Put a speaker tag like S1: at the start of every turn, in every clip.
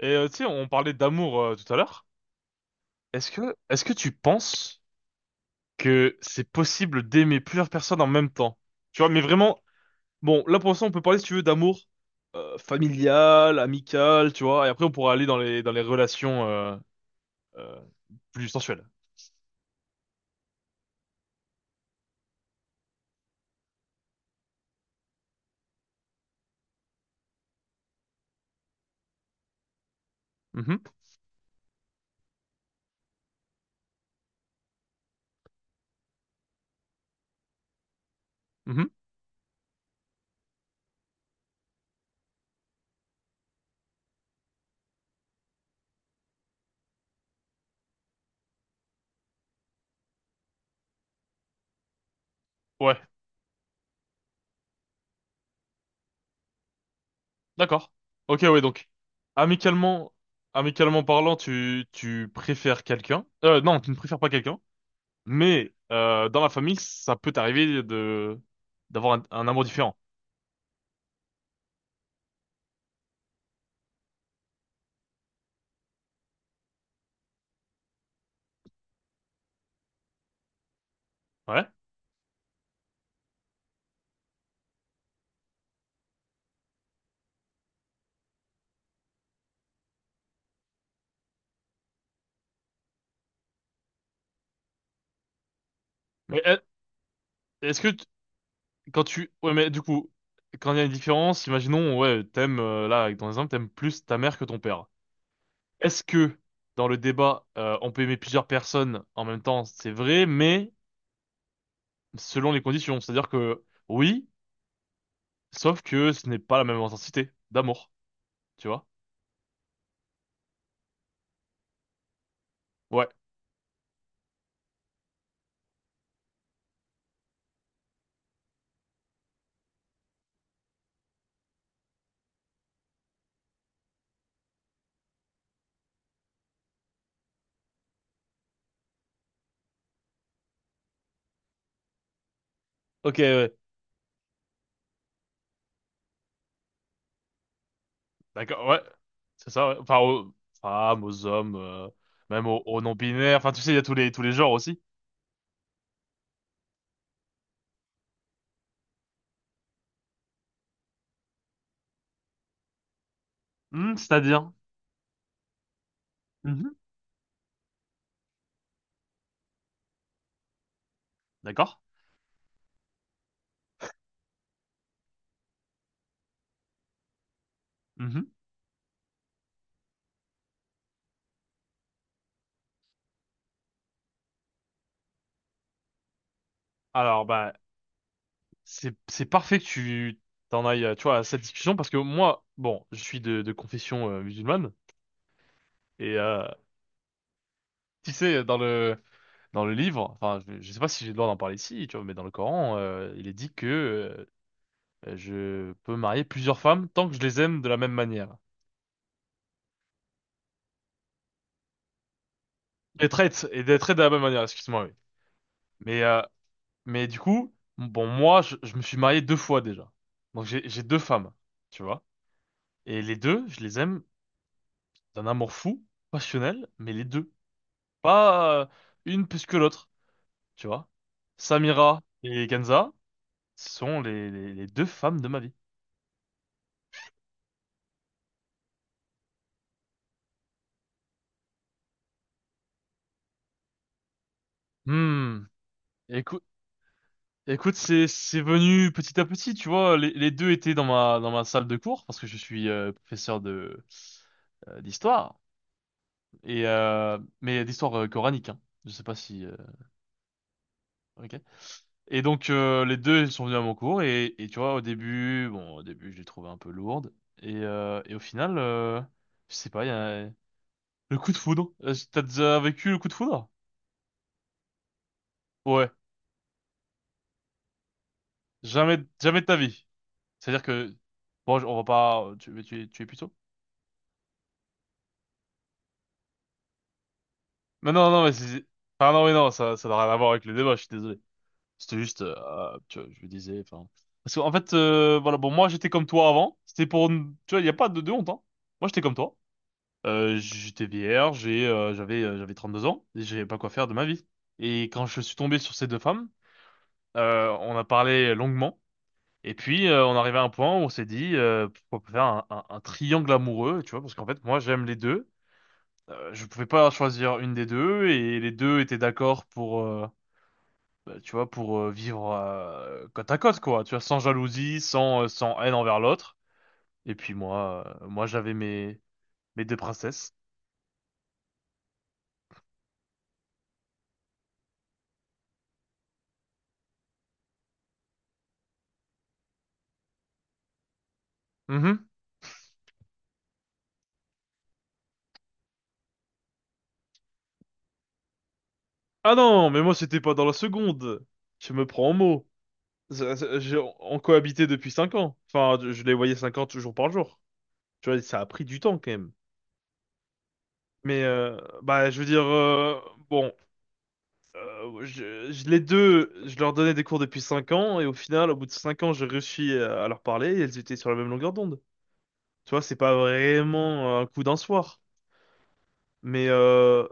S1: Et tu sais, on parlait d'amour tout à l'heure. Est-ce que tu penses que c'est possible d'aimer plusieurs personnes en même temps? Tu vois, mais vraiment, bon, là pour l'instant, on peut parler, si tu veux, d'amour familial, amical, tu vois, et après, on pourra aller dans les relations euh, plus sensuelles. Mhm, mhm. Ouais, d'accord. Ok, ouais, donc, amicalement, amicalement parlant, tu préfères quelqu'un. Non, tu ne préfères pas quelqu'un, mais dans la famille, ça peut t'arriver d'avoir un amour différent. Ouais. Mais est-ce que tu- quand tu ouais, mais du coup, quand il y a une différence, imaginons, ouais, t'aimes là avec ton exemple t'aimes plus ta mère que ton père. Est-ce que dans le débat, on peut aimer plusieurs personnes en même temps, c'est vrai, mais selon les conditions, c'est-à-dire que oui, sauf que ce n'est pas la même intensité d'amour, tu vois? Ouais. Ok. Ouais. D'accord. Ouais. C'est ça. Ouais. Enfin aux femmes, aux hommes, même aux non-binaires. Enfin, tu sais, il y a tous les genres aussi. Hmm, c'est-à-dire. Mhm. D'accord. Alors, bah, c'est parfait que tu t'en ailles, tu vois, à cette discussion, parce que moi, bon, je suis de confession musulmane, et tu sais, dans le livre, enfin, je sais pas si j'ai le droit d'en parler ici, tu vois, mais dans le Coran, il est dit que je peux marier plusieurs femmes tant que je les aime de la même manière, les traite, et les traite de la même manière, excuse-moi, oui. Mais du coup, bon, moi, je me suis marié deux fois déjà, donc j'ai deux femmes, tu vois, et les deux, je les aime d'un amour fou, passionnel, mais les deux. Pas une plus que l'autre, tu vois. Samira et Kenza sont les deux femmes de ma vie. Hmm. Écoute, écoute, c'est venu petit à petit, tu vois. Les deux étaient dans ma salle de cours, parce que je suis professeur de euh, d'histoire, mais d'histoire coranique. Hein. Je sais pas si ok. Et donc, les deux, ils sont venus à mon cours, et tu vois, au début, bon, au début je les trouvais un peu lourdes, et au final, je sais pas, il y a... Le coup de foudre? T'as déjà vécu le coup de foudre? Ouais. Jamais, jamais de ta vie. C'est-à-dire que, bon, on va pas, tu es plutôt? Mais non, non, mais ah non, mais non, ça n'a rien à voir avec le débat, je suis désolé. C'était juste, ah, tu vois, je me disais, enfin. Parce qu'en fait, voilà, bon, moi, j'étais comme toi avant. C'était pour, tu vois, il y a pas de honte, hein. Moi, j'étais comme toi. J'étais vierge. J'avais 32 ans. Et j'avais pas quoi faire de ma vie. Et quand je suis tombé sur ces deux femmes, on a parlé longuement. Et puis, on arrivait à un point où on s'est dit, pourquoi pas faire un triangle amoureux, tu vois, parce qu'en fait, moi, j'aime les deux. Je pouvais pas choisir une des deux, et les deux étaient d'accord bah, tu vois, pour vivre côte à côte, quoi, tu vois, sans jalousie, sans haine envers l'autre. Et puis moi, j'avais mes deux princesses. Mhm. Ah non, mais moi, c'était pas dans la seconde. Je me prends au mot. On cohabitait depuis 5 ans. Enfin, je les voyais 5 ans toujours par jour. Tu vois, ça a pris du temps quand même. Mais bah, je veux dire, bon, les deux, je leur donnais des cours depuis 5 ans, et au final, au bout de 5 ans, j'ai réussi à leur parler, et elles étaient sur la même longueur d'onde. Tu vois, c'est pas vraiment un coup d'un soir. Mais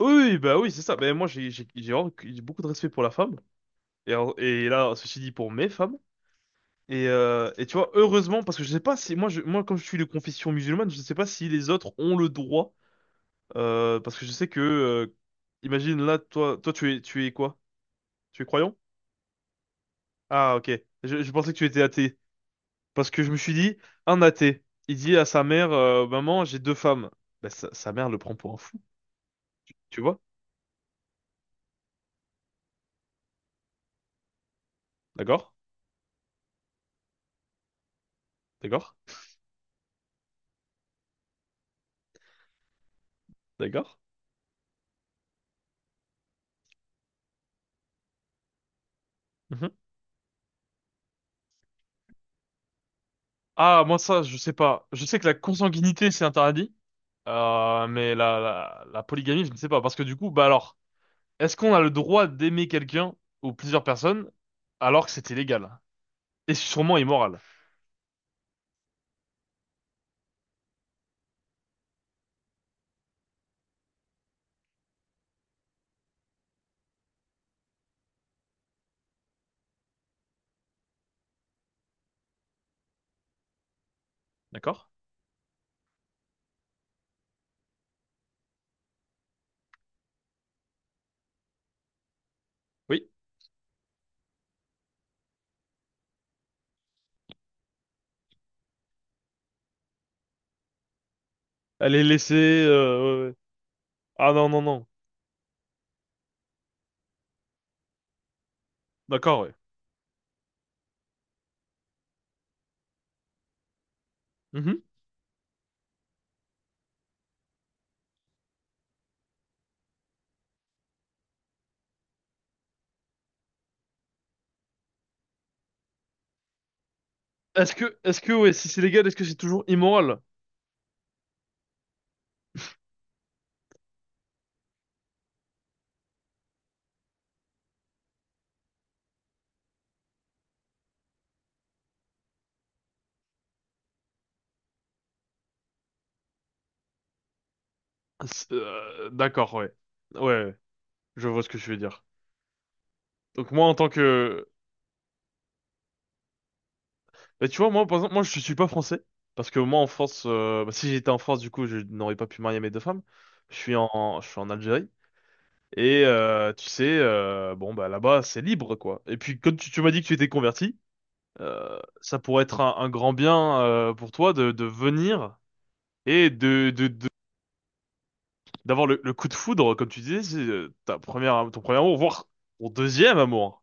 S1: oui, bah oui, c'est ça. Mais moi, j'ai beaucoup de respect pour la femme, et, et là, ceci dit, pour mes femmes. Et tu vois, heureusement, parce que je sais pas si, moi, comme je suis de confession musulmane, je sais pas si les autres ont le droit. Parce que je sais que, imagine là, toi, tu es quoi? Tu es croyant? Ah, ok. Je pensais que tu étais athée. Parce que je me suis dit, un athée, il dit à sa mère, maman, j'ai deux femmes. Bah, sa mère le prend pour un fou, tu vois? D'accord? D'accord? D'accord? Mhm. Ah, moi, ça, je sais pas. Je sais que la consanguinité, c'est interdit. Mais la polygamie, je ne sais pas. Parce que du coup, bah alors, est-ce qu'on a le droit d'aimer quelqu'un ou plusieurs personnes alors que c'était légal? Et sûrement immoral. D'accord? Oui. Elle est laissée. Ouais, ouais. Ah non, non, non. D'accord, ouais. Mhm. Est-ce que, ouais, si c'est légal, est-ce que c'est toujours immoral? D'accord, ouais. Ouais, ouais. Je vois ce que tu veux dire. Donc moi, en tant que... Bah, tu vois, moi, par exemple, moi, je suis pas français. Parce que moi, en France, bah, si j'étais en France, du coup, je n'aurais pas pu marier mes deux femmes. Je suis je suis en Algérie. Et tu sais, bon, bah là-bas, c'est libre, quoi. Et puis, quand tu m'as dit que tu étais converti, ça pourrait être un grand bien, pour toi de venir et d'avoir le coup de foudre, comme tu disais, c'est ton premier amour, voire ton deuxième amour.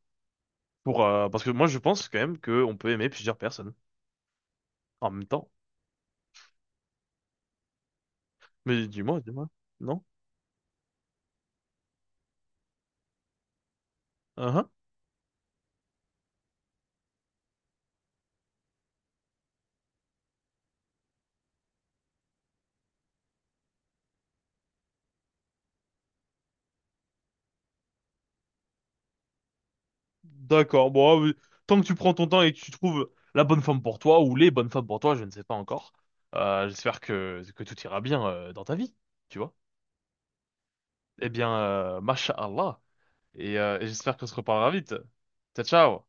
S1: Hein. Parce que moi, je pense quand même qu'on peut aimer plusieurs personnes en même temps. Mais dis-moi, dis-moi. Non? Uhum. D'accord. Bon, ah oui. Tant que tu prends ton temps et que tu trouves la bonne femme pour toi ou les bonnes femmes pour toi, je ne sais pas encore. J'espère que tout ira bien, dans ta vie, tu vois. Eh bien, Masha Allah. Et j'espère qu'on se reparlera vite. Ciao, ciao.